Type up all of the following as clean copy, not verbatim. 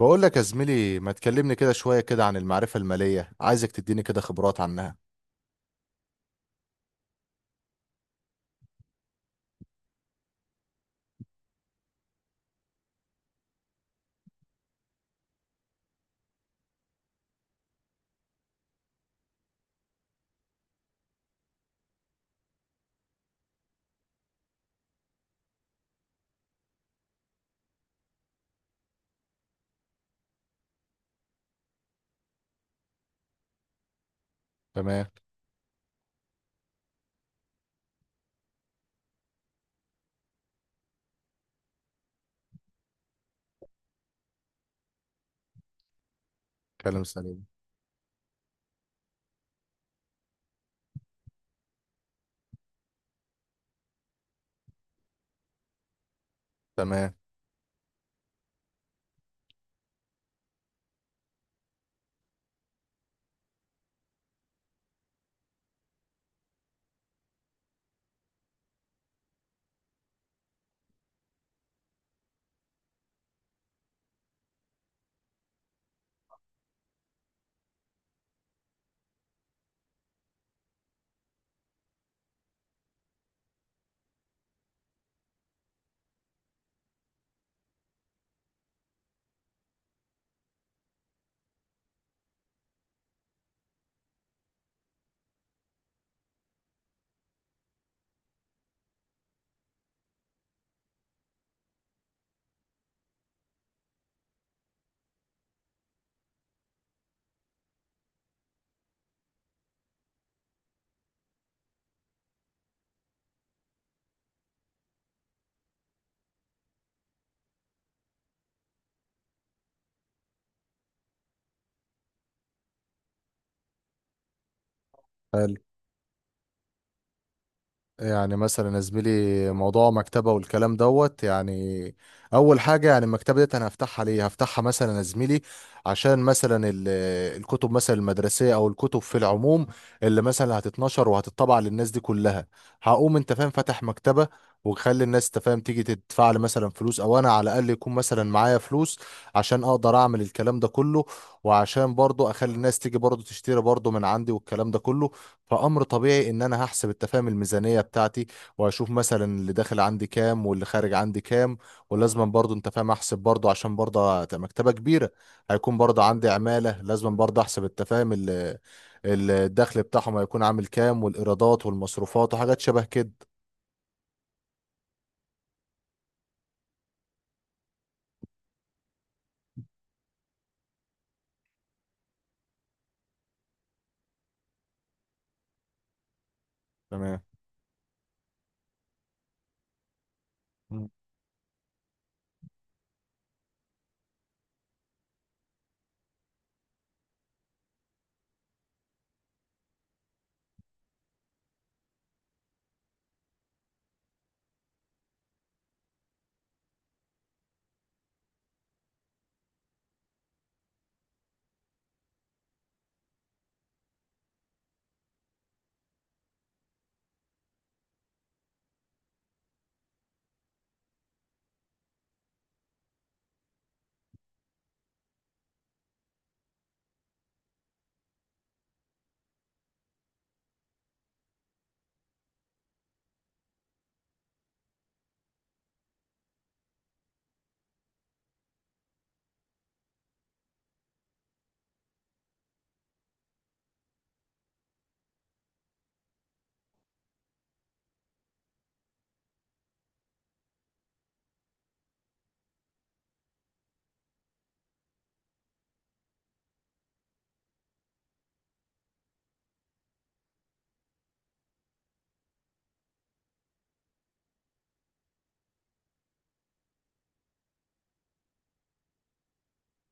بقول لك يا زميلي، ما تكلمني كده شوية كده عن المعرفة المالية، عايزك تديني كده خبرات عنها. تمام. كلام سليم. تمام. حلو. يعني مثلا يا زميلي، موضوع مكتبة والكلام دوت، يعني أول حاجة، يعني المكتبة ديت أنا هفتحها ليه؟ هفتحها مثلا يا زميلي عشان مثلا الكتب مثلا المدرسية أو الكتب في العموم اللي مثلا هتتنشر وهتطبع للناس دي كلها. هقوم أنت فاهم فاتح مكتبة، وخلي الناس تفهم تيجي تدفع لي مثلا فلوس، او انا على الاقل يكون مثلا معايا فلوس عشان اقدر اعمل الكلام ده كله، وعشان برضو اخلي الناس تيجي برضو تشتري برضو من عندي والكلام ده كله. فأمر طبيعي إن أنا هحسب التفاهم الميزانية بتاعتي، وهشوف مثلا اللي داخل عندي كام واللي خارج عندي كام. ولازم برضه أنت فاهم أحسب برضه، عشان برضه مكتبة كبيرة، هيكون برضه عندي عمالة، لازم برضه أحسب التفاهم الدخل بتاعهم هيكون عامل كام، والإيرادات والمصروفات وحاجات شبه كده. تمام.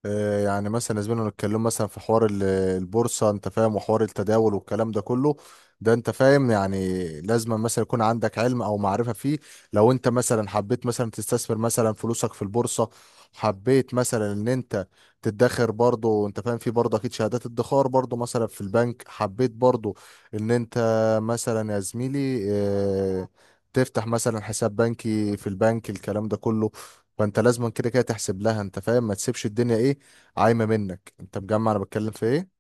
آه، يعني مثلا زمان نتكلم مثلا في حوار البورصة انت فاهم وحوار التداول والكلام ده كله. ده انت فاهم يعني لازم مثلا يكون عندك علم او معرفة فيه، لو انت مثلا حبيت مثلا تستثمر مثلا فلوسك في البورصة، حبيت مثلا ان انت تدخر برضه انت فاهم، في برضه اكيد شهادات ادخار برضه مثلا في البنك، حبيت برضه ان انت مثلا يا زميلي تفتح مثلا حساب بنكي في البنك الكلام ده كله. فانت لازم كده كده تحسب لها انت فاهم، ما تسيبش الدنيا ايه عايمه منك، انت مجمع انا بتكلم في ايه.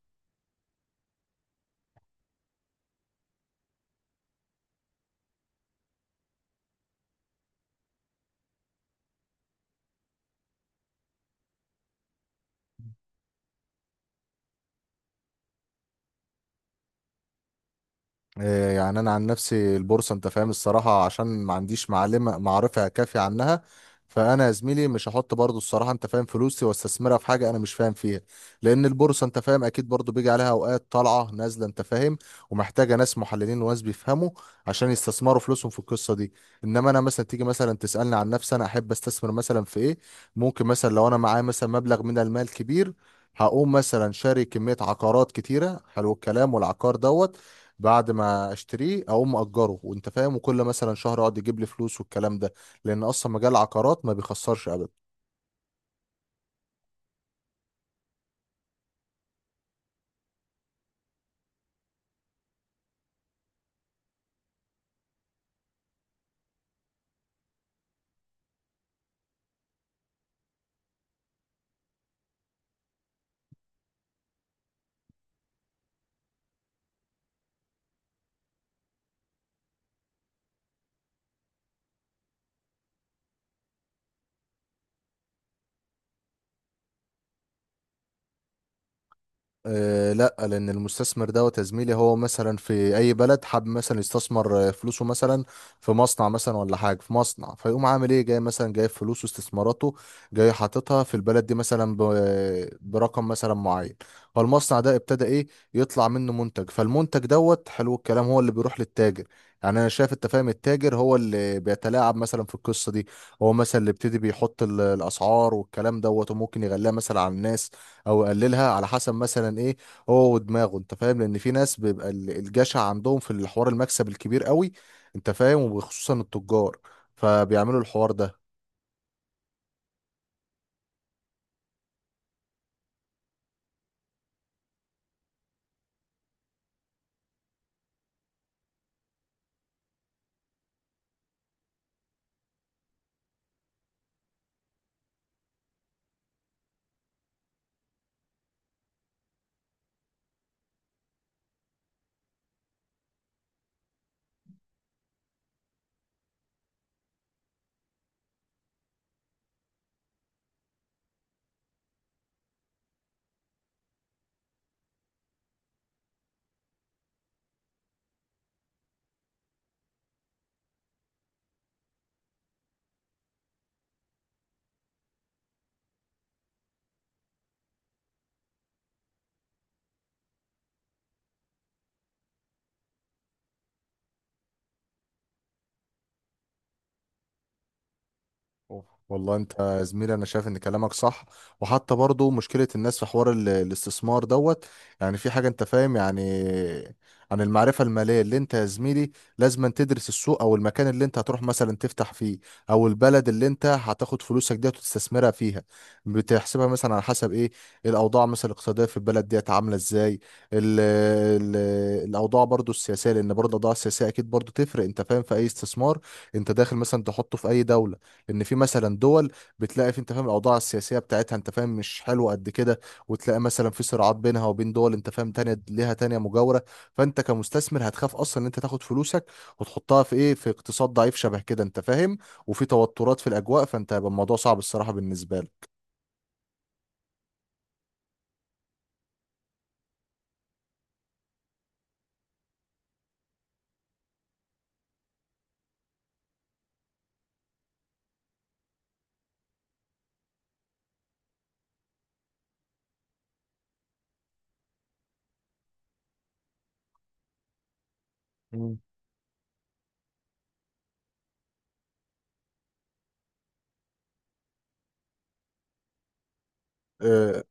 آه، يعني انا عن نفسي البورصه انت فاهم الصراحه عشان ما عنديش معلمه معرفه كافيه عنها، فانا يا زميلي مش هحط برضو الصراحه انت فاهم فلوسي واستثمرها في حاجه انا مش فاهم فيها، لان البورصه انت فاهم اكيد برضو بيجي عليها اوقات طالعه نازله انت فاهم، ومحتاجه ناس محللين وناس بيفهموا عشان يستثمروا فلوسهم في القصه دي. انما انا مثلا تيجي مثلا تسالني عن نفسي انا احب استثمر مثلا في ايه، ممكن مثلا لو انا معايا مثلا مبلغ من المال كبير هقوم مثلا شاري كمية عقارات كتيرة حلو الكلام والعقار دوت، بعد ما اشتريه اقوم اجره وانت فاهم وكل مثلا شهر اقعد يجيب لي فلوس والكلام ده، لان اصلا مجال العقارات ما بيخسرش ابدا. أه لا، لان المستثمر دوت يا زميلي هو مثلا في اي بلد حاب مثلا يستثمر فلوسه مثلا في مصنع مثلا ولا حاجه، في مصنع فيقوم عامل ايه جاي مثلا جايب فلوسه استثماراته جاي حاططها في البلد دي مثلا برقم مثلا معين. فالمصنع ده ابتدى ايه يطلع منه منتج، فالمنتج دوت حلو الكلام هو اللي بيروح للتاجر. يعني انا شايف انت فاهم التاجر هو اللي بيتلاعب مثلا في القصه دي، هو مثلا اللي ابتدي بيحط الاسعار والكلام دوت، وممكن يغليها مثلا على الناس او يقللها على حسب مثلا ايه هو ودماغه انت فاهم، لان في ناس بيبقى الجشع عندهم في الحوار المكسب الكبير قوي انت فاهم، وخصوصا التجار فبيعملوا الحوار ده. أوف. والله انت يا زميلي انا شايف ان كلامك صح، وحتى برضو مشكلة الناس في حوار الاستثمار دوت، يعني في حاجة انت فاهم يعني عن المعرفة المالية اللي انت يا زميلي لازم أن تدرس السوق او المكان اللي انت هتروح مثلا تفتح فيه، او البلد اللي انت هتاخد فلوسك ديت وتستثمرها فيها، بتحسبها مثلا على حسب ايه الاوضاع مثلا الاقتصادية في البلد ديت عاملة ازاي. ال ال الاوضاع برضو السياسية لان برضو الاوضاع السياسية اكيد برضو تفرق انت فاهم في اي استثمار انت داخل مثلا تحطه في اي دولة. ان في مثلا دول بتلاقي في انت فاهم الاوضاع السياسيه بتاعتها انت فاهم مش حلوه قد كده، وتلاقي مثلا في صراعات بينها وبين دول انت فاهم تانية ليها تانية مجاوره، فانت كمستثمر هتخاف اصلا ان انت تاخد فلوسك وتحطها في ايه في اقتصاد ضعيف شبه كده انت فاهم، وفي توترات في الاجواء، فانت هيبقى الموضوع صعب الصراحه بالنسبه لك. مم.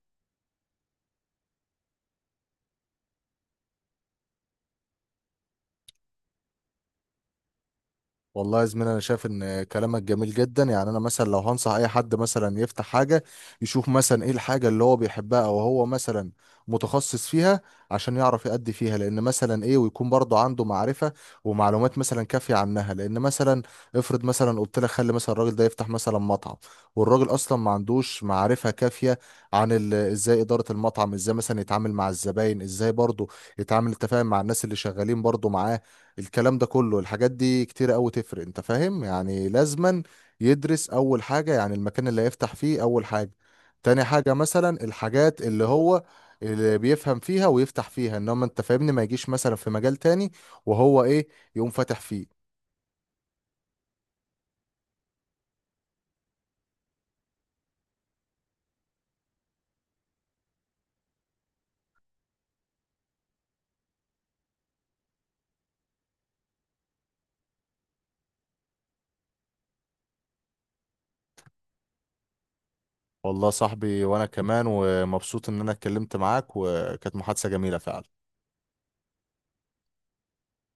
والله يا زميلي انا شايف ان كلامك جميل جدا، يعني انا مثلا لو هنصح اي حد مثلا يفتح حاجه يشوف مثلا ايه الحاجه اللي هو بيحبها او هو مثلا متخصص فيها، عشان يعرف يأدي فيها، لان مثلا ايه ويكون برضه عنده معرفه ومعلومات مثلا كافيه عنها، لان مثلا افرض مثلا قلت لك خلي مثلا الراجل ده يفتح مثلا مطعم والراجل اصلا ما عندوش معرفه كافيه عن ازاي اداره المطعم، ازاي مثلا يتعامل مع الزباين، ازاي برضه يتعامل التفاهم مع الناس اللي شغالين برضه معاه، الكلام ده كله الحاجات دي كتير قوي تفرق انت فاهم يعني، لازما يدرس اول حاجة يعني المكان اللي هيفتح فيه اول حاجة، تاني حاجة مثلا الحاجات اللي هو اللي بيفهم فيها ويفتح فيها، انما انت فاهمني ما يجيش مثلا في مجال تاني وهو ايه يقوم فاتح فيه. والله يا صاحبي وانا كمان ومبسوط ان انا اتكلمت معاك وكانت محادثة جميلة فعلا.